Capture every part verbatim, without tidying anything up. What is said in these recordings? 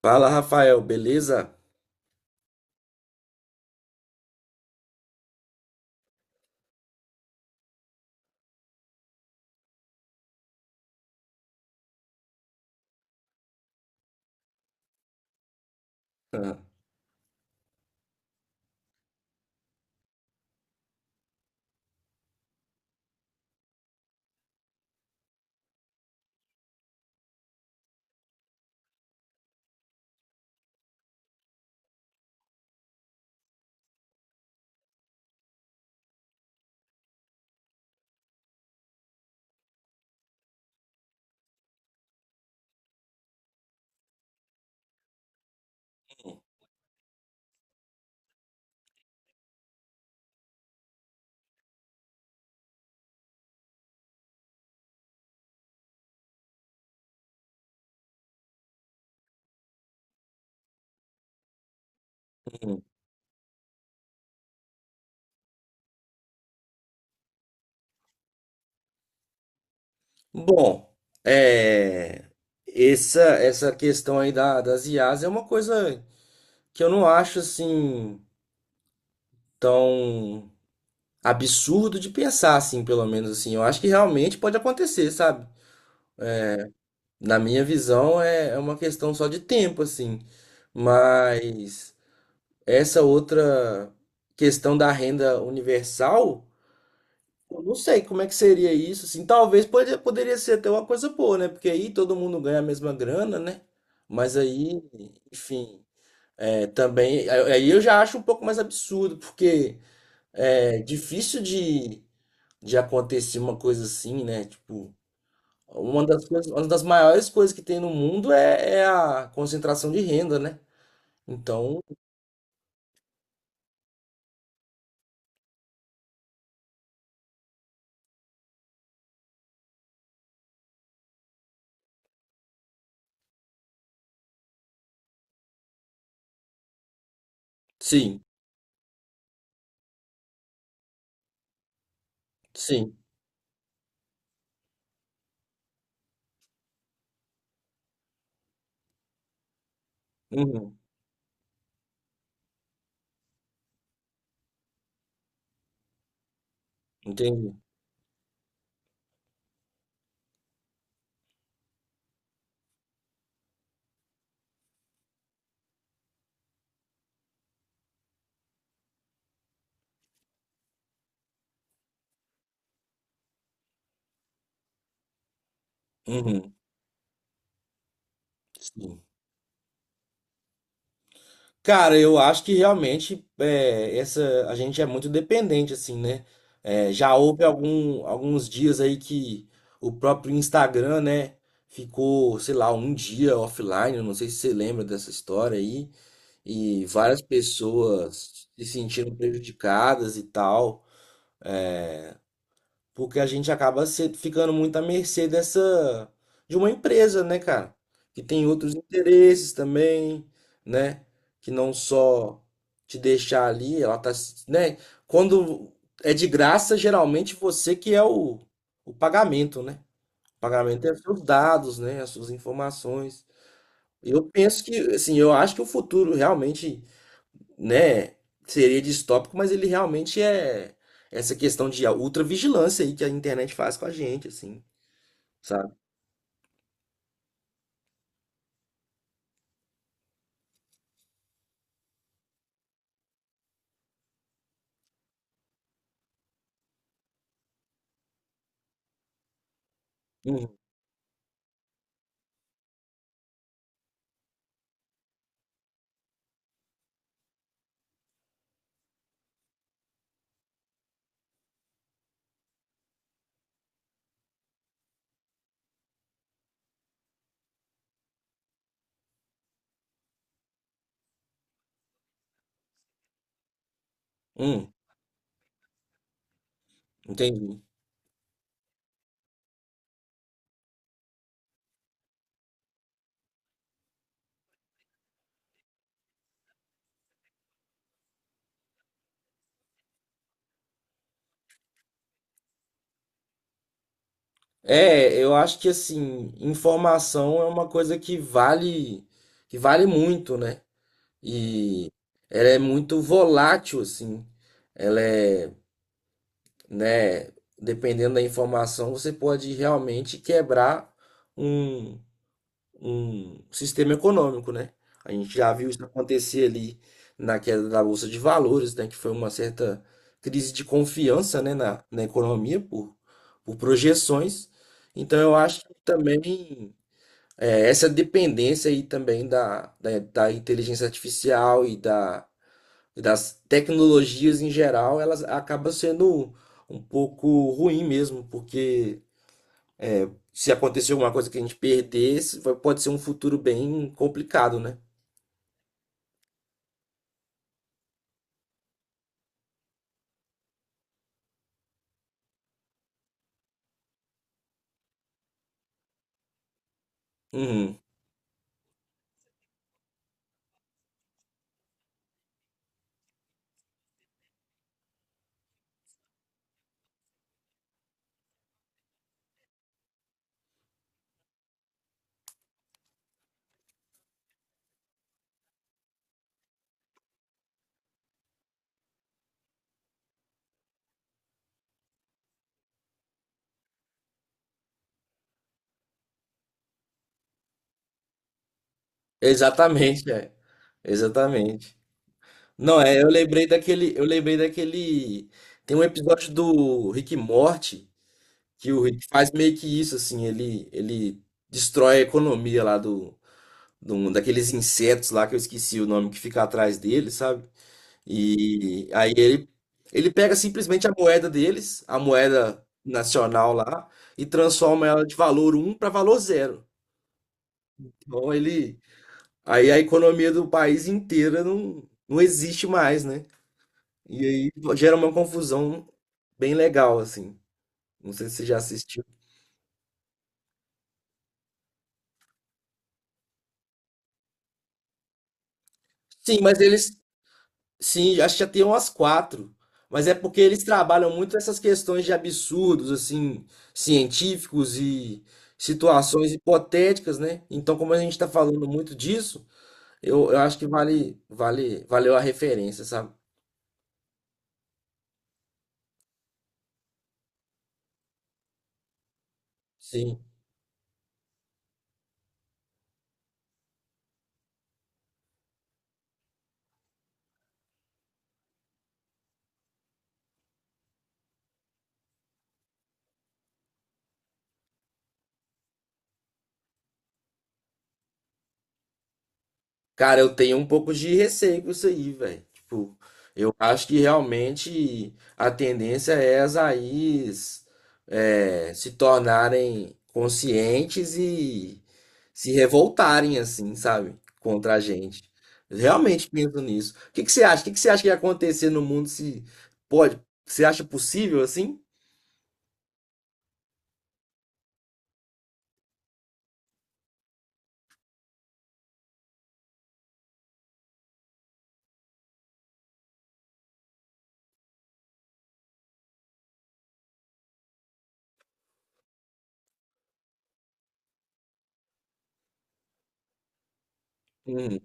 Fala, Rafael, beleza? Ah, hum. Bom, é, essa essa questão aí da, das I As é uma coisa que eu não acho assim tão absurdo de pensar assim, pelo menos assim. Eu acho que realmente pode acontecer, sabe? Na minha visão é, é uma questão só de tempo assim. Mas essa outra questão da renda universal. Eu não sei como é que seria isso, assim. Talvez pode, poderia ser até uma coisa boa, né? Porque aí todo mundo ganha a mesma grana, né? Mas aí, enfim, é, também. Aí aí eu já acho um pouco mais absurdo, porque é difícil de, de acontecer uma coisa assim, né? Tipo, uma das coisas, uma das maiores coisas que tem no mundo é, é a concentração de renda, né? Então, sim, sim. Uhum, entendi. Uhum, sim. Cara, eu acho que realmente é, essa a gente é muito dependente assim, né? É, já houve algum, alguns dias aí que o próprio Instagram, né, ficou, sei lá, um dia offline. eu Não sei se você lembra dessa história aí e várias pessoas se sentiram prejudicadas e tal. Porque a gente acaba se- ficando muito à mercê dessa de uma empresa, né, cara? Que tem outros interesses também, né? Que não só te deixar ali, ela tá, se- né? Quando é de graça, geralmente você que é o, o pagamento, né? O pagamento é os seus dados, né? As suas informações. Eu penso que, assim, eu acho que o futuro realmente, né, seria distópico, mas ele realmente é essa questão de ultravigilância aí que a internet faz com a gente, assim, sabe? Uhum. Hum, entendi. É, eu acho que assim, informação é uma coisa que vale, que vale muito, né? E ela é muito volátil, assim. Ela é, né, dependendo da informação, você pode realmente quebrar um um sistema econômico, né? A gente já viu isso acontecer ali na queda da Bolsa de Valores, né? Que foi uma certa crise de confiança, né? na, na economia por, por projeções. Então, eu acho que também é, essa dependência aí também da, da, da inteligência artificial e da, e das tecnologias em geral, elas acaba sendo um pouco ruim mesmo, porque se acontecer alguma coisa que a gente perdesse, vai- pode ser um futuro bem complicado, né? Uhum. Exatamente, é. Exatamente. Não, é, eu lembrei daquele, eu lembrei daquele, tem um episódio do Rick e Morty que o Rick faz meio que isso assim, ele ele destrói a economia lá do, do daqueles insetos lá que eu esqueci o nome que fica atrás dele, sabe? E aí ele, ele pega simplesmente a moeda deles, a moeda nacional lá, e transforma ela de valor um para valor zero. Então ele, aí a economia do país inteira não, não existe mais, né? E aí gera uma confusão bem legal, assim. Não sei se você já assistiu. Sim, mas eles Sim, acho que já tem umas quatro. Mas é porque eles trabalham muito essas questões de absurdos, assim, científicos e situações hipotéticas, né? Então, como a gente está falando muito disso, eu, eu acho que vale, vale, valeu a referência, sabe? Sim. Cara, eu tenho um pouco de receio com isso aí, velho. Tipo, eu acho que realmente a tendência é as A Is é, se tornarem conscientes e se revoltarem, assim, sabe? Contra a gente. Eu realmente penso nisso. O que que você acha? O que que você acha que ia acontecer no mundo se pode? Você acha possível assim? Uhum.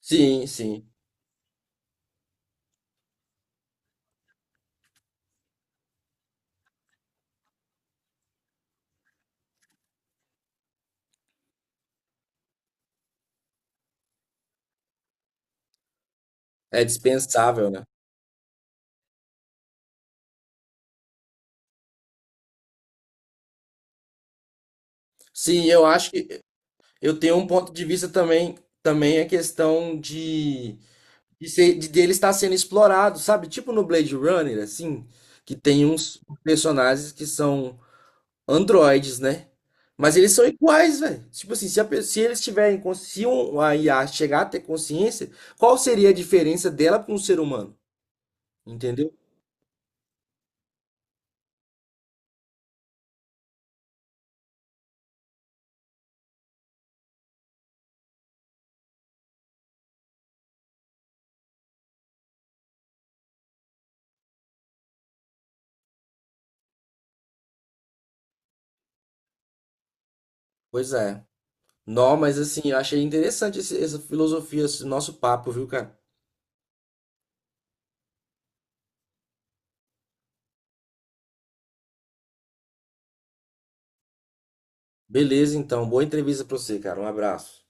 Sim, sim. É dispensável, né? Sim, eu acho que eu tenho um ponto de vista também, também a questão de, de, ser, de dele estar sendo explorado, sabe? Tipo no Blade Runner, assim, que tem uns personagens que são androides, né? Mas eles são iguais, velho. Tipo assim, se, a pe- se eles tiverem, cons- se um- um a I A chegar a ter consciência, qual seria a diferença dela para um ser humano? Entendeu? Pois é. Não, mas assim, eu achei interessante esse- essa filosofia, esse nosso papo, viu, cara? Beleza, então. Boa entrevista pra você, cara. Um abraço.